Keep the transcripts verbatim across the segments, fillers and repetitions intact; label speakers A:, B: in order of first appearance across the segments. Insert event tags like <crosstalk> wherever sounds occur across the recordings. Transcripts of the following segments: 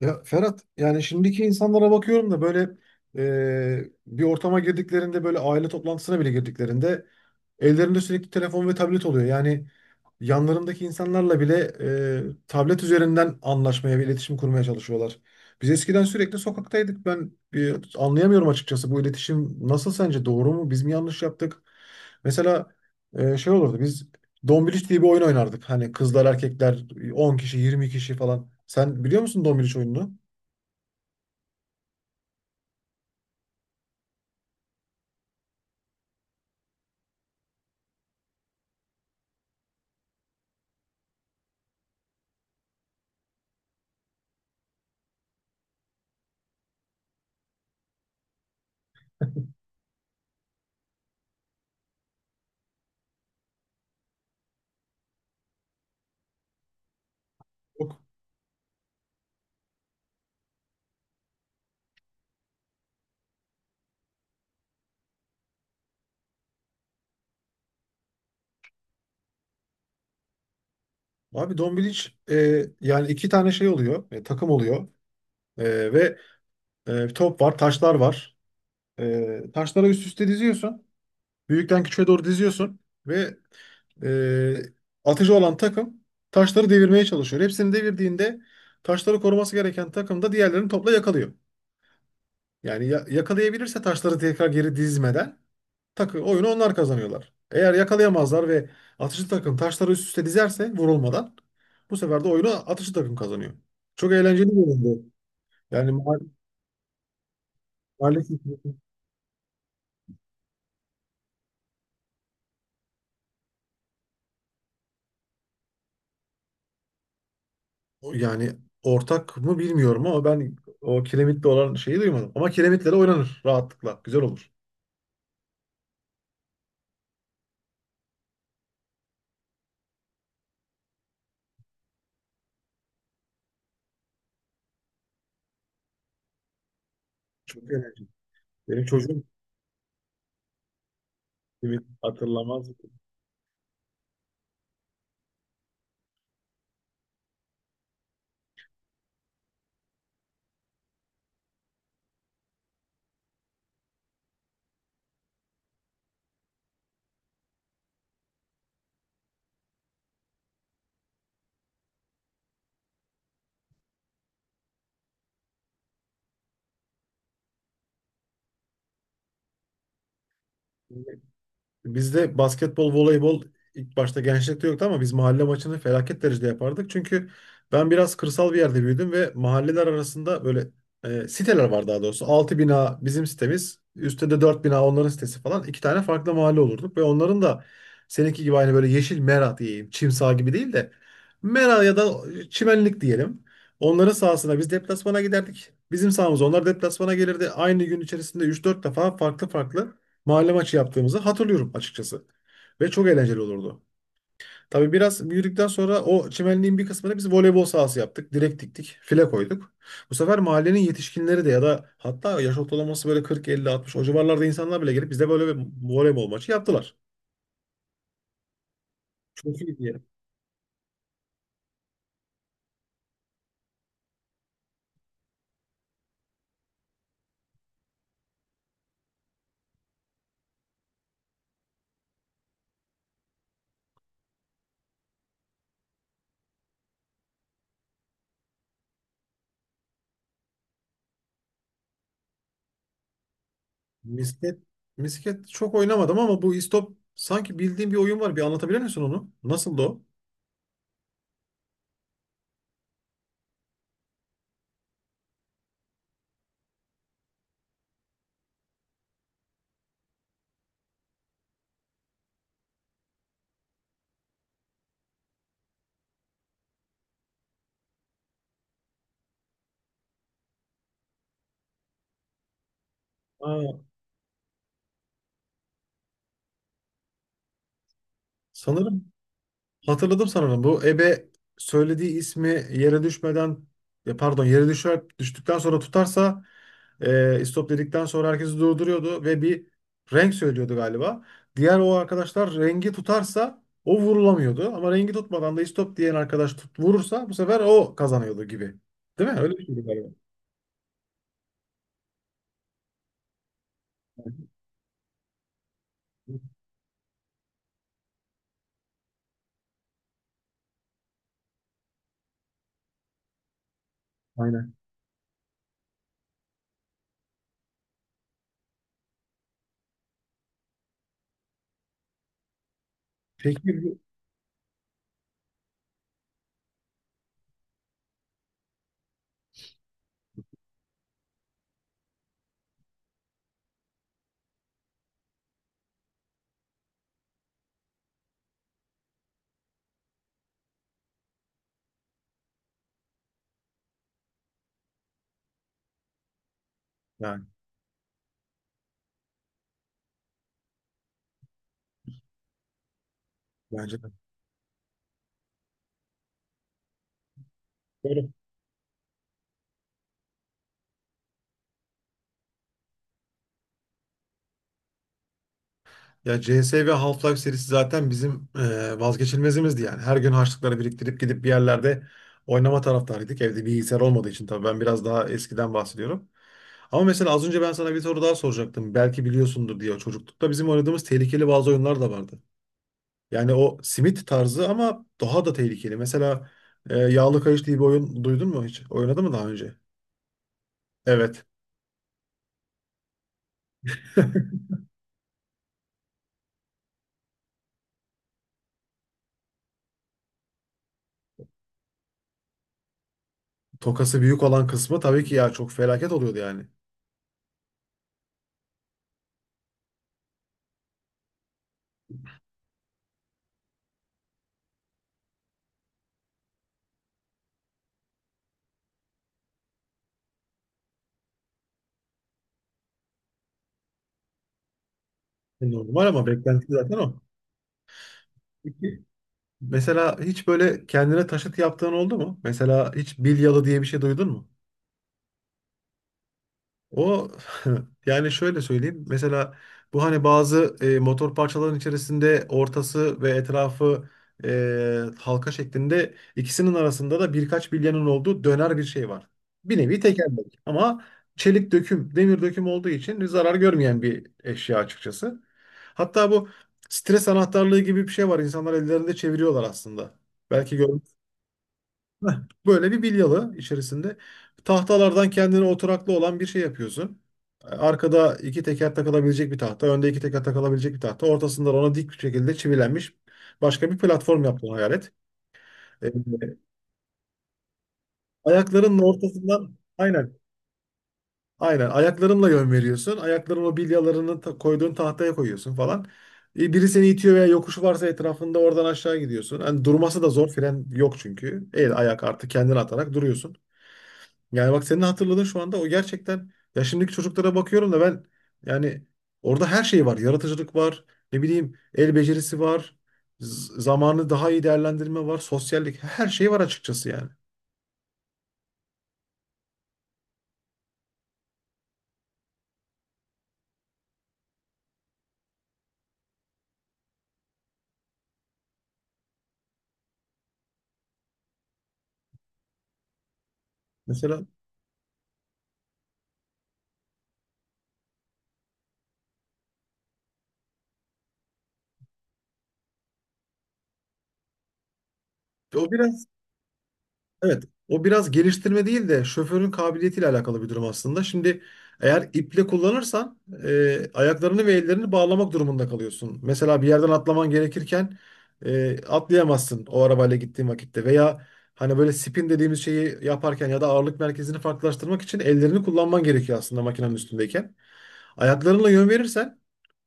A: Ya Ferhat, yani şimdiki insanlara bakıyorum da, böyle e, bir ortama girdiklerinde, böyle aile toplantısına bile girdiklerinde ellerinde sürekli telefon ve tablet oluyor. Yani yanlarındaki insanlarla bile e, tablet üzerinden anlaşmaya ve iletişim kurmaya çalışıyorlar. Biz eskiden sürekli sokaktaydık. Ben e, anlayamıyorum açıkçası, bu iletişim nasıl, sence doğru mu? Biz mi yanlış yaptık? Mesela e, şey olurdu, biz Dombiliç diye bir oyun oynardık. Hani kızlar, erkekler, on kişi, yirmi kişi falan. Sen biliyor musun Dombiliç oyununu? Yok. Abi Dombiliç, e, yani iki tane şey oluyor. E, takım oluyor. E, ve e, bir top var, taşlar var. E, taşları üst üste diziyorsun. Büyükten küçüğe doğru diziyorsun. Ve e, atıcı olan takım taşları devirmeye çalışıyor. Hepsini devirdiğinde taşları koruması gereken takım da diğerlerini topla yakalıyor. Yani ya- yakalayabilirse taşları tekrar geri dizmeden takı, oyunu onlar kazanıyorlar. Eğer yakalayamazlar ve atıcı takım taşları üst üste dizerse vurulmadan, bu sefer de oyunu atıcı takım kazanıyor. Çok eğlenceli bir oyundu. Yani ma- maalesef. Yani ortak mı bilmiyorum ama ben o kiremitle olan şeyi duymadım. Ama kiremitlere oynanır rahatlıkla. Güzel olur. Çok eğlenceli. Benim çocuğum kiremit hatırlamaz. Bizde basketbol, voleybol ilk başta gençlikte yoktu ama biz mahalle maçını felaket derecede yapardık. Çünkü ben biraz kırsal bir yerde büyüdüm ve mahalleler arasında böyle e, siteler var daha doğrusu. Altı bina bizim sitemiz, üstte de dört bina onların sitesi falan. İki tane farklı mahalle olurduk ve onların da seninki gibi aynı böyle yeşil mera diyeyim, çim saha gibi değil de mera ya da çimenlik diyelim. Onların sahasına biz deplasmana giderdik. Bizim sahamıza onlar deplasmana gelirdi. Aynı gün içerisinde üç dört defa farklı farklı mahalle maçı yaptığımızı hatırlıyorum açıkçası. Ve çok eğlenceli olurdu. Tabii biraz büyüdükten sonra o çimenliğin bir kısmını biz voleybol sahası yaptık. Direk diktik, file koyduk. Bu sefer mahallenin yetişkinleri de, ya da hatta yaş ortalaması böyle kırk, elli, altmış o civarlarda insanlar bile gelip bize böyle bir voleybol maçı yaptılar. Çok iyiydi ya. Misket, misket çok oynamadım ama bu istop sanki bildiğim bir oyun var. Bir anlatabilir misin onu? Nasıldı o? Aa, sanırım hatırladım sanırım. Bu ebe söylediği ismi yere düşmeden, ya pardon, yere düşer, düştükten sonra tutarsa e, stop dedikten sonra herkesi durduruyordu ve bir renk söylüyordu galiba. Diğer o arkadaşlar rengi tutarsa o vurulamıyordu. Ama rengi tutmadan da istop diyen arkadaş tut, vurursa bu sefer o kazanıyordu gibi. Değil mi? Öyle bir şeydi galiba. Aynen. Peki bu- yani, bence de. Doğru. Ya C S ve Half-Life serisi zaten bizim e, vazgeçilmezimizdi yani. Her gün harçlıkları biriktirip gidip bir yerlerde oynama taraftarıydık. Evde bilgisayar olmadığı için, tabii ben biraz daha eskiden bahsediyorum. Ama mesela az önce ben sana bir soru daha soracaktım. Belki biliyorsundur diye, çocuklukta bizim oynadığımız tehlikeli bazı oyunlar da vardı. Yani o simit tarzı ama daha da tehlikeli. Mesela e, Yağlı Kayış diye bir oyun duydun mu hiç? Oynadın mı daha önce? Evet. <laughs> Tokası büyük olan kısmı tabii ki ya, çok felaket oluyordu yani. E, Normal, ama beklenti zaten o. Mesela hiç böyle kendine taşıt yaptığın oldu mu? Mesela hiç bilyalı diye bir şey duydun mu? O <laughs> yani, şöyle söyleyeyim. Mesela bu hani bazı e, motor parçaların içerisinde ortası ve etrafı e, halka şeklinde, ikisinin arasında da birkaç bilyanın olduğu döner bir şey var. Bir nevi tekerlek ama çelik döküm, demir döküm olduğu için zarar görmeyen bir eşya açıkçası. Hatta bu stres anahtarlığı gibi bir şey var. İnsanlar ellerinde çeviriyorlar aslında. Belki gör. <laughs> Heh, böyle bir bilyalı içerisinde tahtalardan kendine oturaklı olan bir şey yapıyorsun. Arkada iki teker takılabilecek bir tahta, önde iki teker takılabilecek bir tahta. Ortasında ona dik bir şekilde çivilenmiş başka bir platform yaptığını hayal et. Ee, ayaklarının ortasından, aynen aynen ayaklarınla yön veriyorsun. Ayaklarını o bilyalarını ta- koyduğun tahtaya koyuyorsun falan. Ee, Biri seni itiyor veya yokuşu varsa etrafında, oradan aşağı gidiyorsun. Hani durması da zor, fren yok çünkü. El ayak artık, kendini atarak duruyorsun. Yani bak, senin hatırladığın şu anda o gerçekten ya, şimdiki çocuklara bakıyorum da ben, yani orada her şey var. Yaratıcılık var. Ne bileyim, el becerisi var. Z- zamanı daha iyi değerlendirme var. Sosyallik, her şey var açıkçası yani. Mesela o biraz Evet, o biraz geliştirme değil de şoförün kabiliyetiyle alakalı bir durum aslında. Şimdi eğer iple kullanırsan e, ayaklarını ve ellerini bağlamak durumunda kalıyorsun. Mesela bir yerden atlaman gerekirken e, atlayamazsın o arabayla gittiğin vakitte, veya hani böyle spin dediğimiz şeyi yaparken, ya da ağırlık merkezini farklılaştırmak için ellerini kullanman gerekiyor aslında makinenin üstündeyken. Ayaklarınla yön verirsen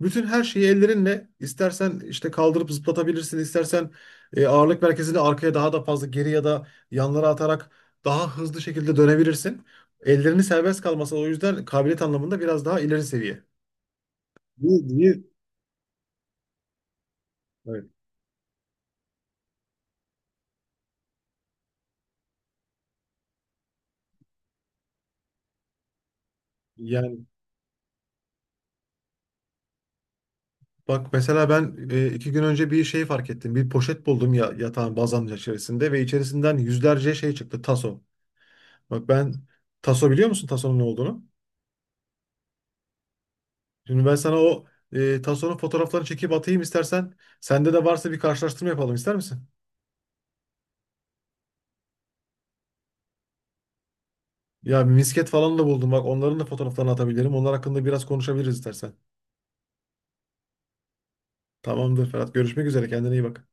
A: bütün her şeyi, ellerinle istersen işte kaldırıp zıplatabilirsin, istersen e, ağırlık merkezini arkaya daha da fazla geri ya da yanlara atarak daha hızlı şekilde dönebilirsin. Ellerini serbest kalması, o yüzden kabiliyet anlamında biraz daha ileri seviye. Bu niye? Evet. Yani bak mesela ben e, iki gün önce bir şey fark ettim. Bir poşet buldum ya yatağın bazanın içerisinde, ve içerisinden yüzlerce şey çıktı, taso. Bak ben taso, biliyor musun tasonun ne olduğunu? Şimdi ben sana o e, Tason'un fotoğraflarını çekip atayım istersen. Sende de varsa bir karşılaştırma yapalım ister misin? Ya bir misket falan da buldum, bak onların da fotoğraflarını atabilirim. Onlar hakkında biraz konuşabiliriz istersen. Tamamdır Ferhat. Görüşmek üzere. Kendine iyi bak.